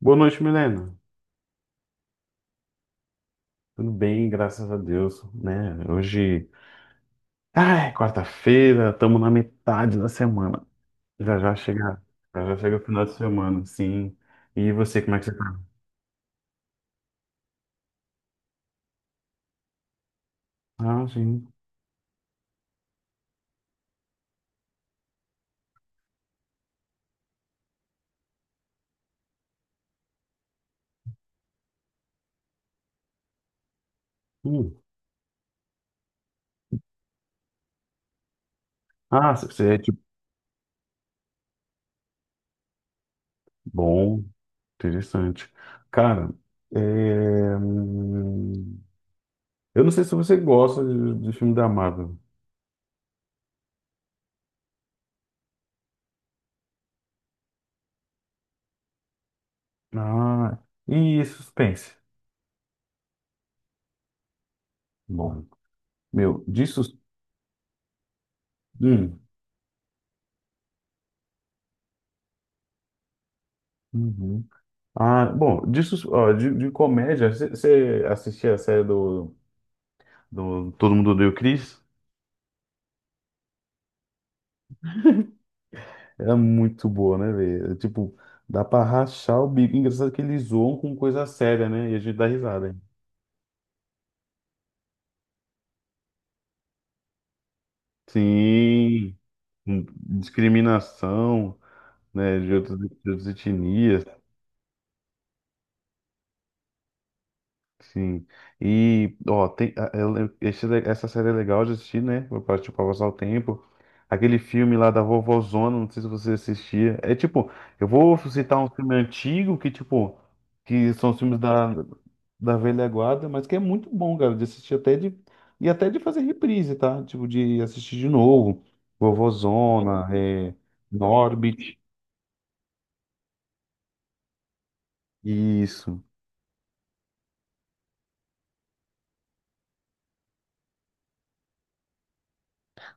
Boa noite, Milena. Tudo bem, graças a Deus, né? Hoje, ai, quarta-feira, estamos na metade da semana. Já já chega, já já chega o final de semana, sim. E você, como é que você tá? Ah, sim. Hum. Ah, você é tipo, bom, interessante. Cara, é, hum, eu não sei se você gosta de filme da Marvel. Ah, e suspense? Bom, meu, de suspense. Ah, bom, ó, de comédia, você assistia a série do Todo Mundo Odeia o Chris? Era muito boa, né, velho? Tipo, dá pra rachar o bico. Engraçado que eles zoam com coisa séria, né? E a gente dá risada. Sim, discriminação, né, de outras etnias. Sim. E, ó, tem, a- eu lem- esse le- essa série é legal de assistir, né? Pra, tipo, pra passar o tempo. Aquele filme lá da Vovozona, não sei se você assistia. É tipo, eu vou citar um filme antigo que, tipo, que são os filmes da velha guarda, mas que é muito bom, cara, de assistir até de. E até de fazer reprise, tá? Tipo, de assistir de novo. Vovozona, Norbit. Isso.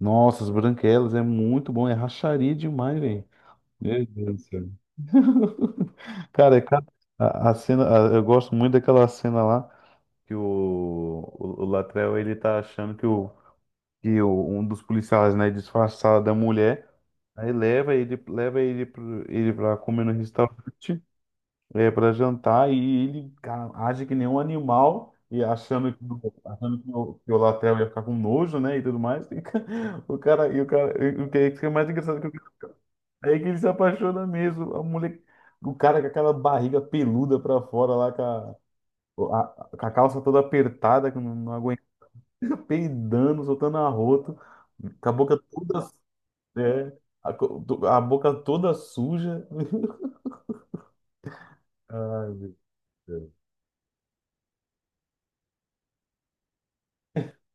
Nossa, As Branquelas é muito bom. É racharia demais, velho. Meu Deus do céu. Cara, é a cena, eu gosto muito daquela cena lá que o Latrell ele tá achando que o, um dos policiais, né, disfarçado da mulher, aí leva ele, ele pra comer no restaurante, pra jantar, e ele, cara, age que nem um animal, e achando que o Latrell ia ficar com nojo, né, e tudo mais, e o cara, e o que é mais engraçado. Aí que ele se apaixona mesmo. A mulher, o cara com aquela barriga peluda pra fora lá, com com a calça toda apertada, que não, não aguenta, peidando, soltando arroto, com a boca toda, é, a boca toda suja. Ai, meu Deus.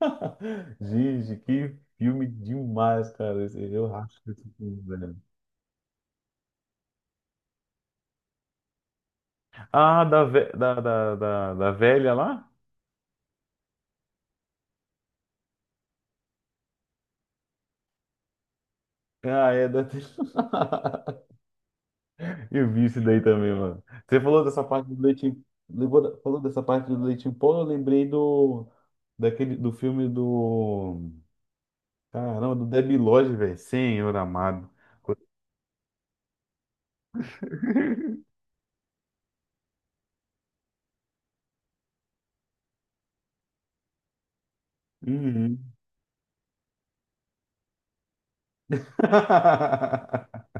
Gente, que filme demais, cara. Eu racho esse filme, velho. Ah, da, ve- da, da, da, da velha lá? Ah, é da. Eu vi isso daí também, mano. Você falou dessa parte do leite, falou dessa parte do leite em pó, eu lembrei do daquele do filme do caramba, do Debi Lodge, velho, Senhor amado. Uhum.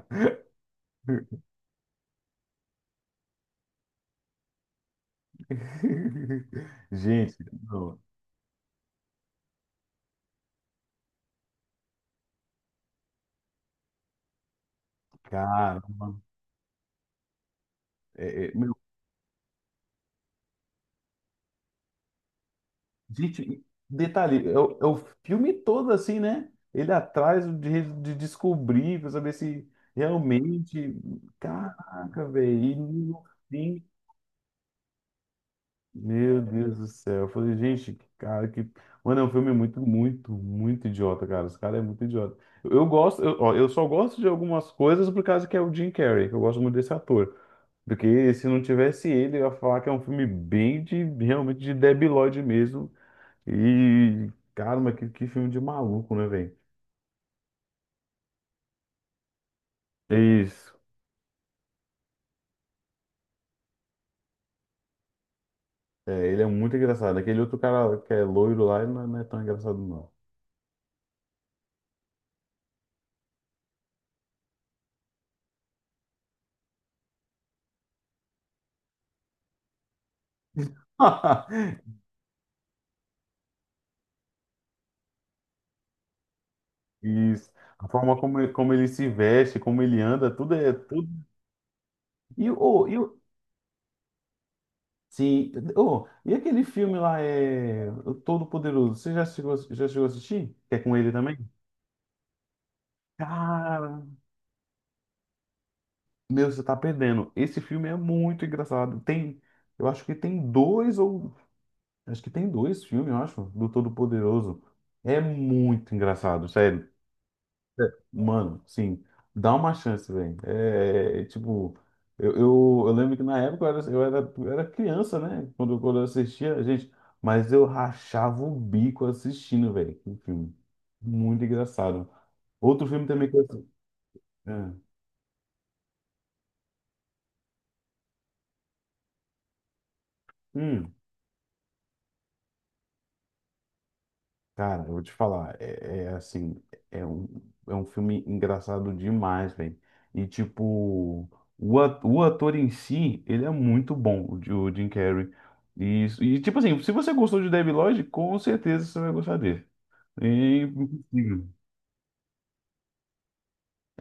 Gente, não, caramba. É, é. Gente, detalhe, é o filme todo assim, né? Ele atrás de descobrir, pra saber se realmente. Caraca, velho. E no fim. Meu Deus do céu. Eu falei, gente, que cara, que. Mano, é um filme muito, muito, muito idiota, cara. Esse cara é muito idiota. Ó, eu só gosto de algumas coisas por causa que é o Jim Carrey, que eu gosto muito desse ator. Porque se não tivesse ele, eu ia falar que é um filme bem de, realmente de debilóide mesmo e, caramba, que filme de maluco, né, velho? É. Isso. É, ele é muito engraçado. Aquele outro cara que é loiro lá, ele não é tão engraçado, não. Isso. A forma como, como ele se veste, como ele anda, tudo é tudo. E o Sim, oh, e aquele filme lá é o Todo Poderoso. Você já chegou a assistir? Que é com ele também? Cara, meu, você tá perdendo. Esse filme é muito engraçado. Tem, eu acho que tem dois ou acho que tem dois filmes, eu acho, do Todo-Poderoso. É muito engraçado, sério. É. Mano, sim, dá uma chance, velho. É, tipo, eu lembro que na época eu era criança, né? Quando eu assistia, gente, mas eu rachava o bico assistindo, velho, o filme. Muito engraçado. Outro filme também que eu assisti. Cara, eu vou te falar, é assim, é um, é um filme engraçado demais, velho. E tipo, o ator em si, ele é muito bom, o Jim Carrey. E, e tipo assim, se você gostou de Debi Lodge, com certeza você vai gostar dele. É impossível.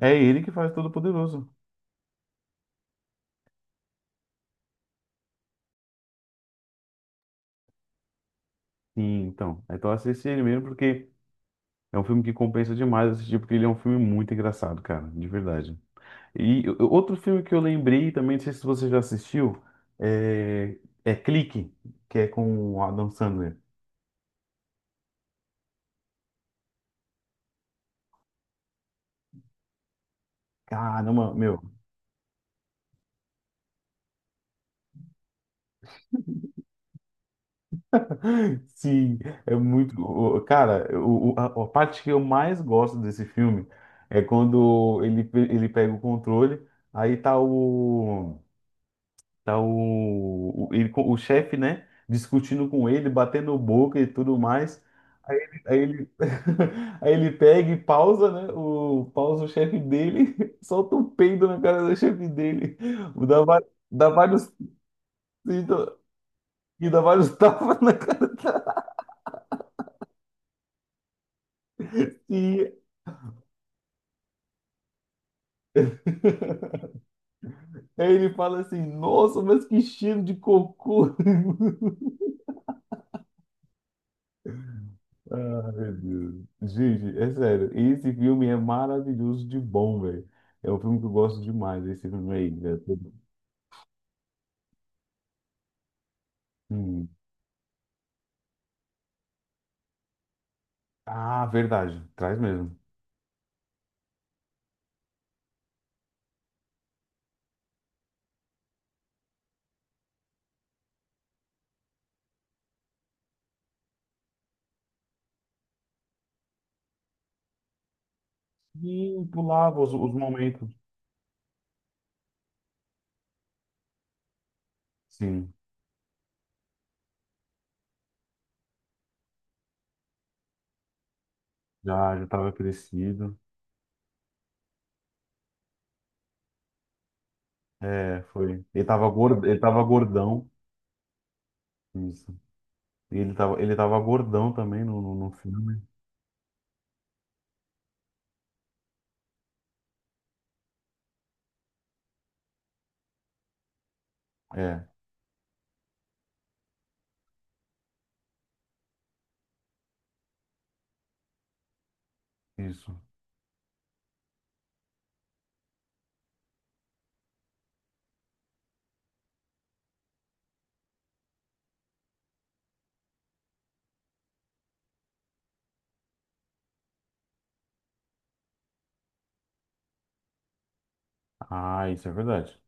É ele que faz Todo-Poderoso. Sim, então. Então assiste ele mesmo, porque é um filme que compensa demais assistir, porque ele é um filme muito engraçado, cara, de verdade. E outro filme que eu lembrei também, não sei se você já assistiu, é, é Clique, que é com o Adam Sandler. Caramba, meu. Sim, é muito. Cara, a parte que eu mais gosto desse filme é quando ele pega o controle, aí tá o. Tá o chefe, né? Discutindo com ele, batendo boca e tudo mais. Aí ele, aí ele pega e pausa, né? Pausa o chefe dele, solta um peido na cara do chefe dele, dá, va- dá vários, então, dá vários tapas na cara. E aí ele fala assim: Nossa, mas que cheiro de cocô! Ah, meu Deus. Gente, é sério, esse filme é maravilhoso de bom, velho. É um filme que eu gosto demais, esse filme aí, né? Hum. Ah, verdade, traz mesmo. E pulava os momentos. Sim. Já tava crescido. É, foi. Ele tava gordo, ele tava gordão. Isso. E ele tava gordão também no filme. É, isso. Ah, isso é verdade.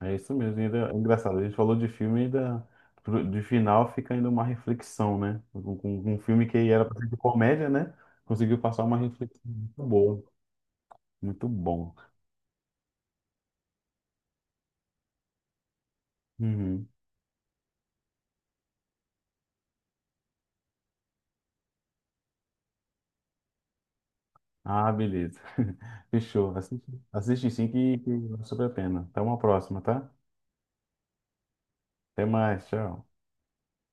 É isso mesmo. E ainda, é engraçado, a gente falou de filme e ainda de final fica ainda uma reflexão, né? Com um filme que era pra ser de comédia, né? Conseguiu passar uma reflexão muito boa. Muito bom. Uhum. Ah, beleza. Fechou. Assiste, assiste sim que vale super a pena. Até uma próxima, tá? Até mais, tchau.